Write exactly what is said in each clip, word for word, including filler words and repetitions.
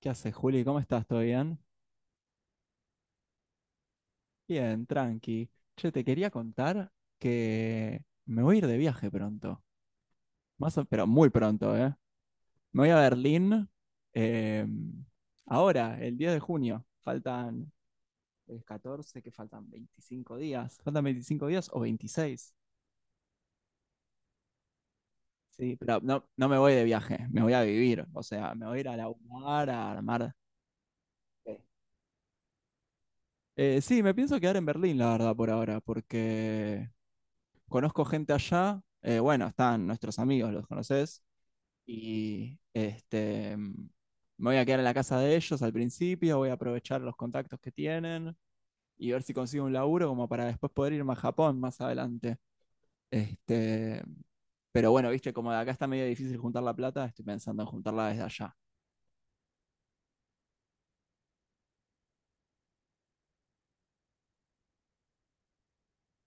¿Qué haces, Juli? ¿Cómo estás? ¿Todo bien? Bien, tranqui. Che, te quería contar que me voy a ir de viaje pronto. Más o- pero muy pronto, ¿eh? Me voy a Berlín eh, ahora, el diez de junio. Faltan el catorce, que faltan veinticinco días. ¿Faltan veinticinco días o veintiséis? Sí, pero no, no me voy de viaje, me voy a vivir. O sea, me voy a ir a laburar, a armar. Eh, sí, me pienso quedar en Berlín, la verdad, por ahora, porque conozco gente allá, eh, bueno, están nuestros amigos, los conoces, y este, mm, me voy a quedar en la casa de ellos al principio, voy a aprovechar los contactos que tienen y ver si consigo un laburo como para después poder irme a Japón más adelante. Este, pero bueno, viste, como de acá está medio difícil juntar la plata, estoy pensando en juntarla desde allá.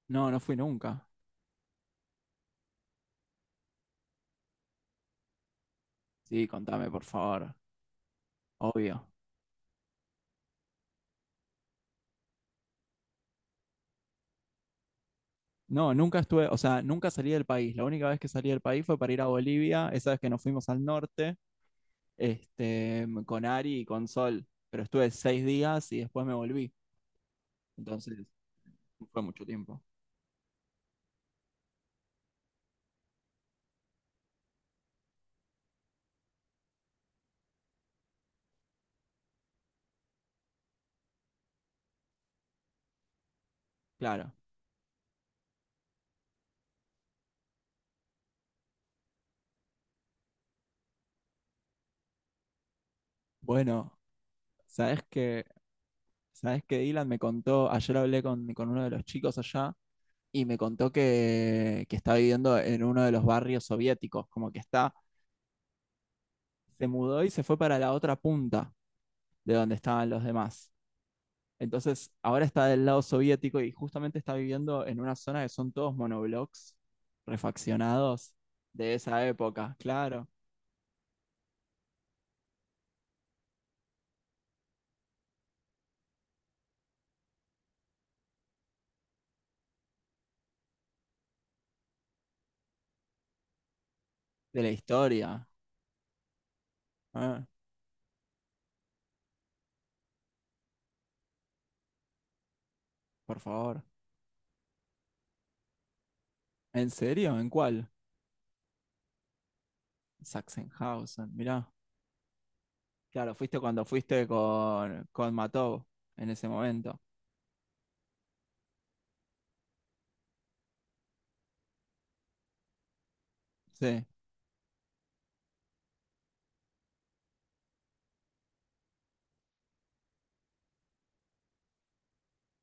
No, no fui nunca. Sí, contame, por favor. Obvio. No, nunca estuve, o sea, nunca salí del país. La única vez que salí del país fue para ir a Bolivia, esa vez que nos fuimos al norte este, con Ari y con Sol, pero estuve seis días y después me volví, entonces no fue mucho tiempo. Claro. Bueno, ¿sabes qué? ¿Sabes qué, Dylan? Me contó, ayer hablé con con uno de los chicos allá y me contó que, que está viviendo en uno de los barrios soviéticos, como que está, se mudó y se fue para la otra punta de donde estaban los demás. Entonces, ahora está del lado soviético y justamente está viviendo en una zona que son todos monoblocks refaccionados de esa época, claro, de la historia. Ah, por favor. ¿En serio? ¿En cuál? Sachsenhausen, mirá. Claro, fuiste cuando fuiste con, con Matov en ese momento. Sí.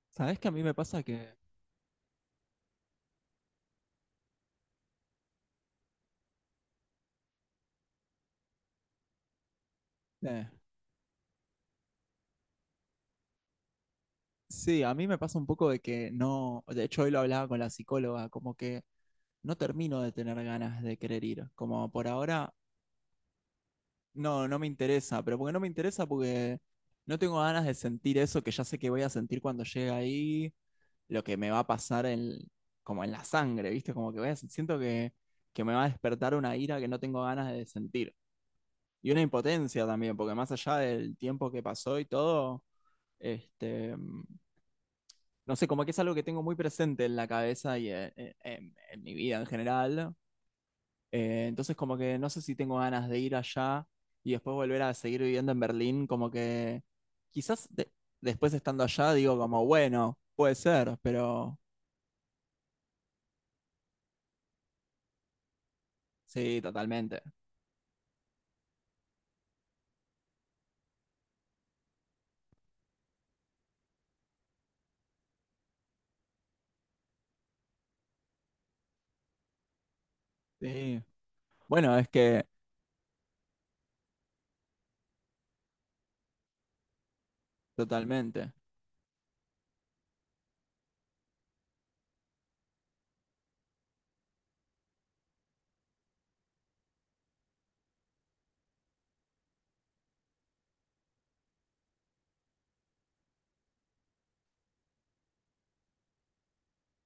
¿Sabés que a mí me pasa que, eh, sí, a mí me pasa un poco de que no? De hecho, hoy lo hablaba con la psicóloga, como que no termino de tener ganas de querer ir. Como por ahora. No, no me interesa, pero porque no me interesa porque no tengo ganas de sentir eso que ya sé que voy a sentir cuando llegue ahí, lo que me va a pasar en, como en la sangre, ¿viste? Como que voy a, siento que, que me va a despertar una ira que no tengo ganas de sentir. Y una impotencia también, porque más allá del tiempo que pasó y todo, este, mm, no sé, como que es algo que tengo muy presente en la cabeza y en, en- en mi vida en general. Eh, entonces como que no sé si tengo ganas de ir allá y después volver a seguir viviendo en Berlín, como que quizás de- después estando allá digo como, bueno, puede ser, pero sí, totalmente. Sí. Bueno, es que totalmente.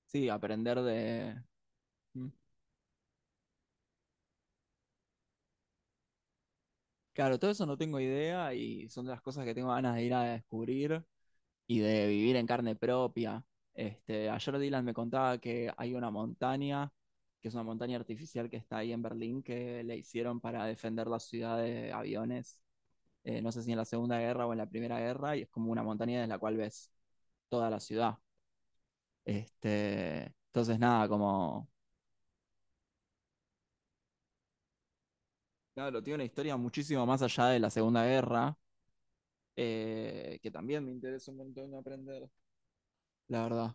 Sí, aprender de. Mm. Claro, todo eso no tengo idea y son de las cosas que tengo ganas de ir a descubrir y de vivir en carne propia. Este, ayer Dylan me contaba que hay una montaña, que es una montaña artificial que está ahí en Berlín, que le hicieron para defender la ciudad de aviones, eh, no sé si en la Segunda Guerra o en la Primera Guerra, y es como una montaña desde la cual ves toda la ciudad. Este, entonces, nada, como. Claro, tiene una historia muchísimo más allá de la Segunda Guerra, eh, que también me interesa un montón aprender. La verdad.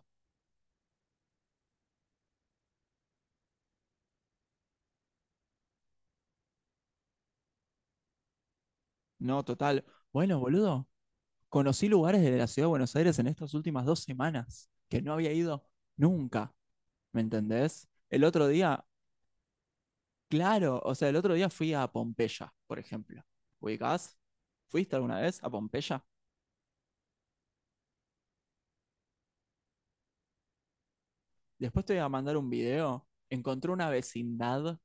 No, total. Bueno, boludo. Conocí lugares de la ciudad de Buenos Aires en estas últimas dos semanas que no había ido nunca, ¿me entendés? El otro día, claro, o sea, el otro día fui a Pompeya, por ejemplo. ¿Ubicás? ¿Fuiste alguna vez a Pompeya? Después te voy a mandar un video. Encontré una vecindad,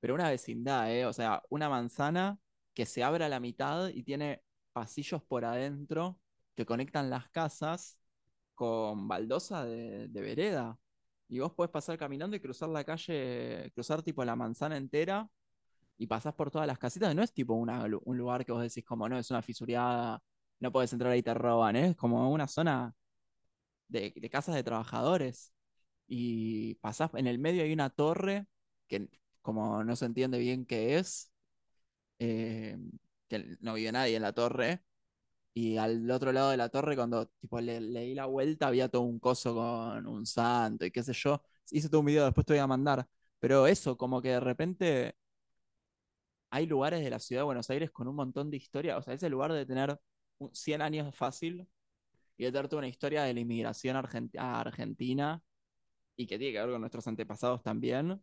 pero una vecindad, ¿eh? O sea, una manzana que se abre a la mitad y tiene pasillos por adentro que conectan las casas con baldosa de, de vereda. Y vos podés pasar caminando y cruzar la calle, cruzar tipo la manzana entera y pasás por todas las casitas. No es tipo una- un lugar que vos decís como, no, es una fisuriada, no podés entrar ahí te roban, ¿eh? Es como una zona de, de casas de trabajadores. Y pasás, en el medio hay una torre que como no se entiende bien qué es, eh, que no vive nadie en la torre, y al otro lado de la torre, cuando tipo, le, le di la vuelta, había todo un coso con un santo y qué sé yo. Hice todo un video, después te voy a mandar. Pero eso, como que de repente hay lugares de la ciudad de Buenos Aires con un montón de historia. O sea, ese lugar de tener un- cien años fácil y de tener toda una historia de la inmigración argenti- a Argentina y que tiene que ver con nuestros antepasados también.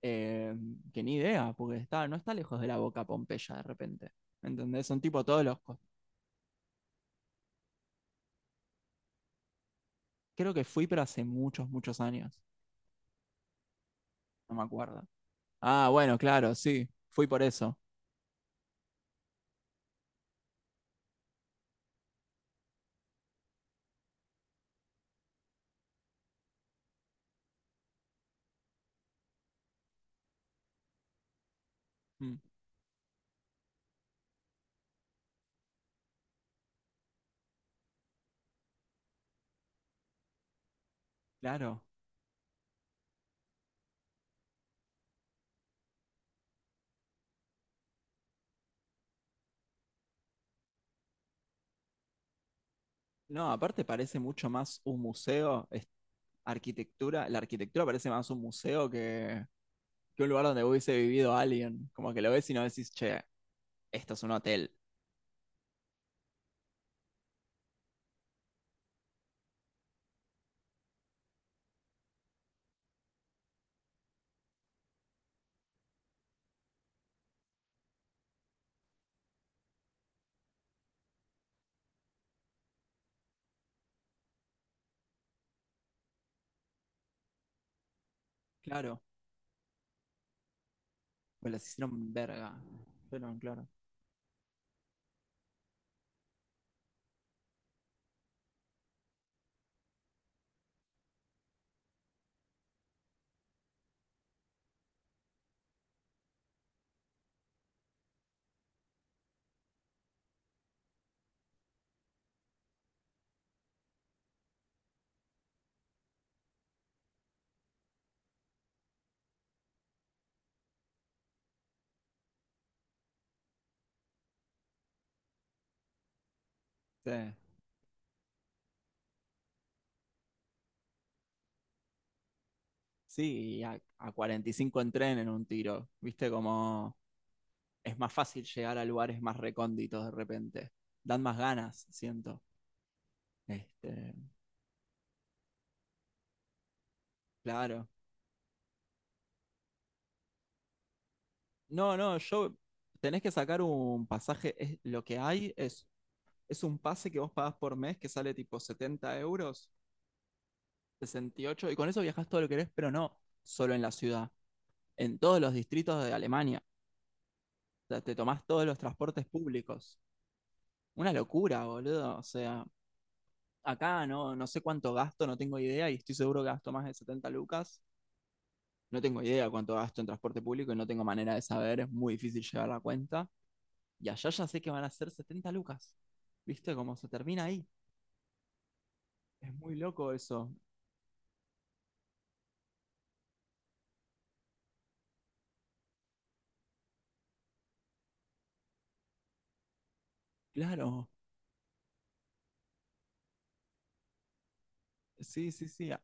eh, que ni idea, porque está, no está lejos de la boca Pompeya de repente. ¿Me ¿Entendés? Son tipo todos los. Creo que fui, pero hace muchos, muchos años. No me acuerdo. Ah, bueno, claro, sí, fui por eso. Mm, claro. No, aparte parece mucho más un museo, es- arquitectura, la arquitectura parece más un museo que, que un lugar donde hubiese vivido alguien. Como que lo ves y no decís, che, esto es un hotel. Claro, pues las hicieron verga. Fueron claro. Sí, sí, y a, a cuarenta y cinco en tren en un tiro. Viste como es más fácil llegar a lugares más recónditos de repente. Dan más ganas, siento. Este, claro. No, no, yo tenés que sacar un pasaje. Es- lo que hay es, es un pase que vos pagás por mes que sale tipo setenta euros, sesenta y ocho. Y con eso viajás todo lo que querés, pero no solo en la ciudad, en todos los distritos de Alemania. O sea, te tomás todos los transportes públicos. Una locura, boludo. O sea, acá no, no sé cuánto gasto, no tengo idea, y estoy seguro que gasto más de setenta lucas. No tengo idea cuánto gasto en transporte público y no tengo manera de saber, es muy difícil llevar la cuenta. Y allá ya sé que van a ser setenta lucas. ¿Viste cómo se termina ahí? Es muy loco eso. Claro. Sí, sí, sí. A,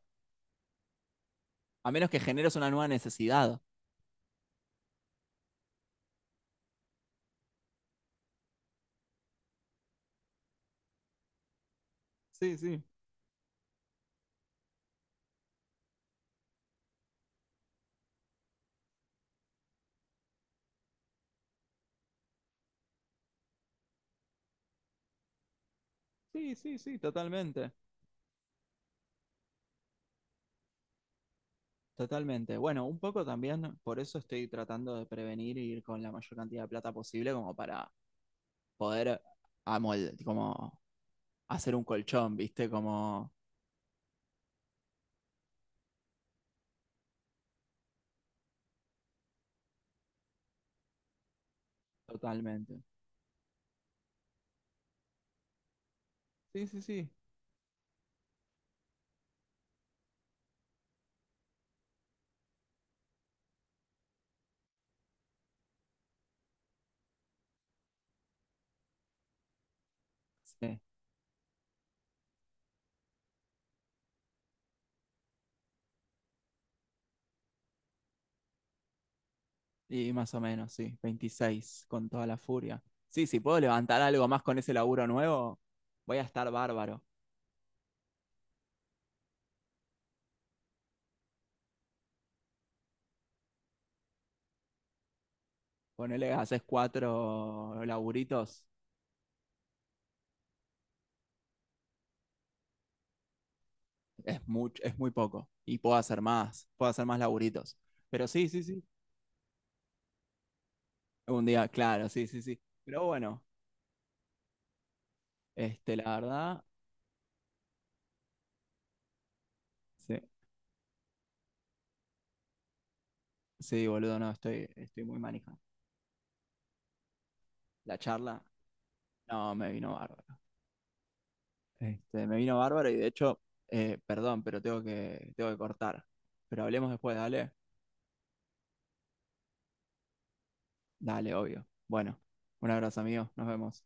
a menos que generes una nueva necesidad. Sí, sí. Sí, sí, sí, totalmente. Totalmente. Bueno, un poco también, por eso estoy tratando de prevenir y ir con la mayor cantidad de plata posible como para poder amol- como hacer un colchón, ¿viste? Como totalmente. Sí, sí, sí. Sí. Y más o menos, sí, veintiséis con toda la furia. Sí, si puedo levantar algo más con ese laburo nuevo, voy a estar bárbaro. Ponele, haces cuatro laburitos, es, mucho, es muy poco. Y puedo hacer más, puedo hacer más laburitos. Pero sí, sí, sí. Un día, claro, sí, sí, sí. Pero bueno, este, la verdad, sí, sí, boludo, no, estoy, estoy muy manija. La charla, no, me vino bárbaro. Este, me vino bárbaro y de hecho, eh, perdón, pero tengo que, tengo que cortar. Pero hablemos después, dale. Dale, obvio. Bueno, un abrazo, amigo. Nos vemos.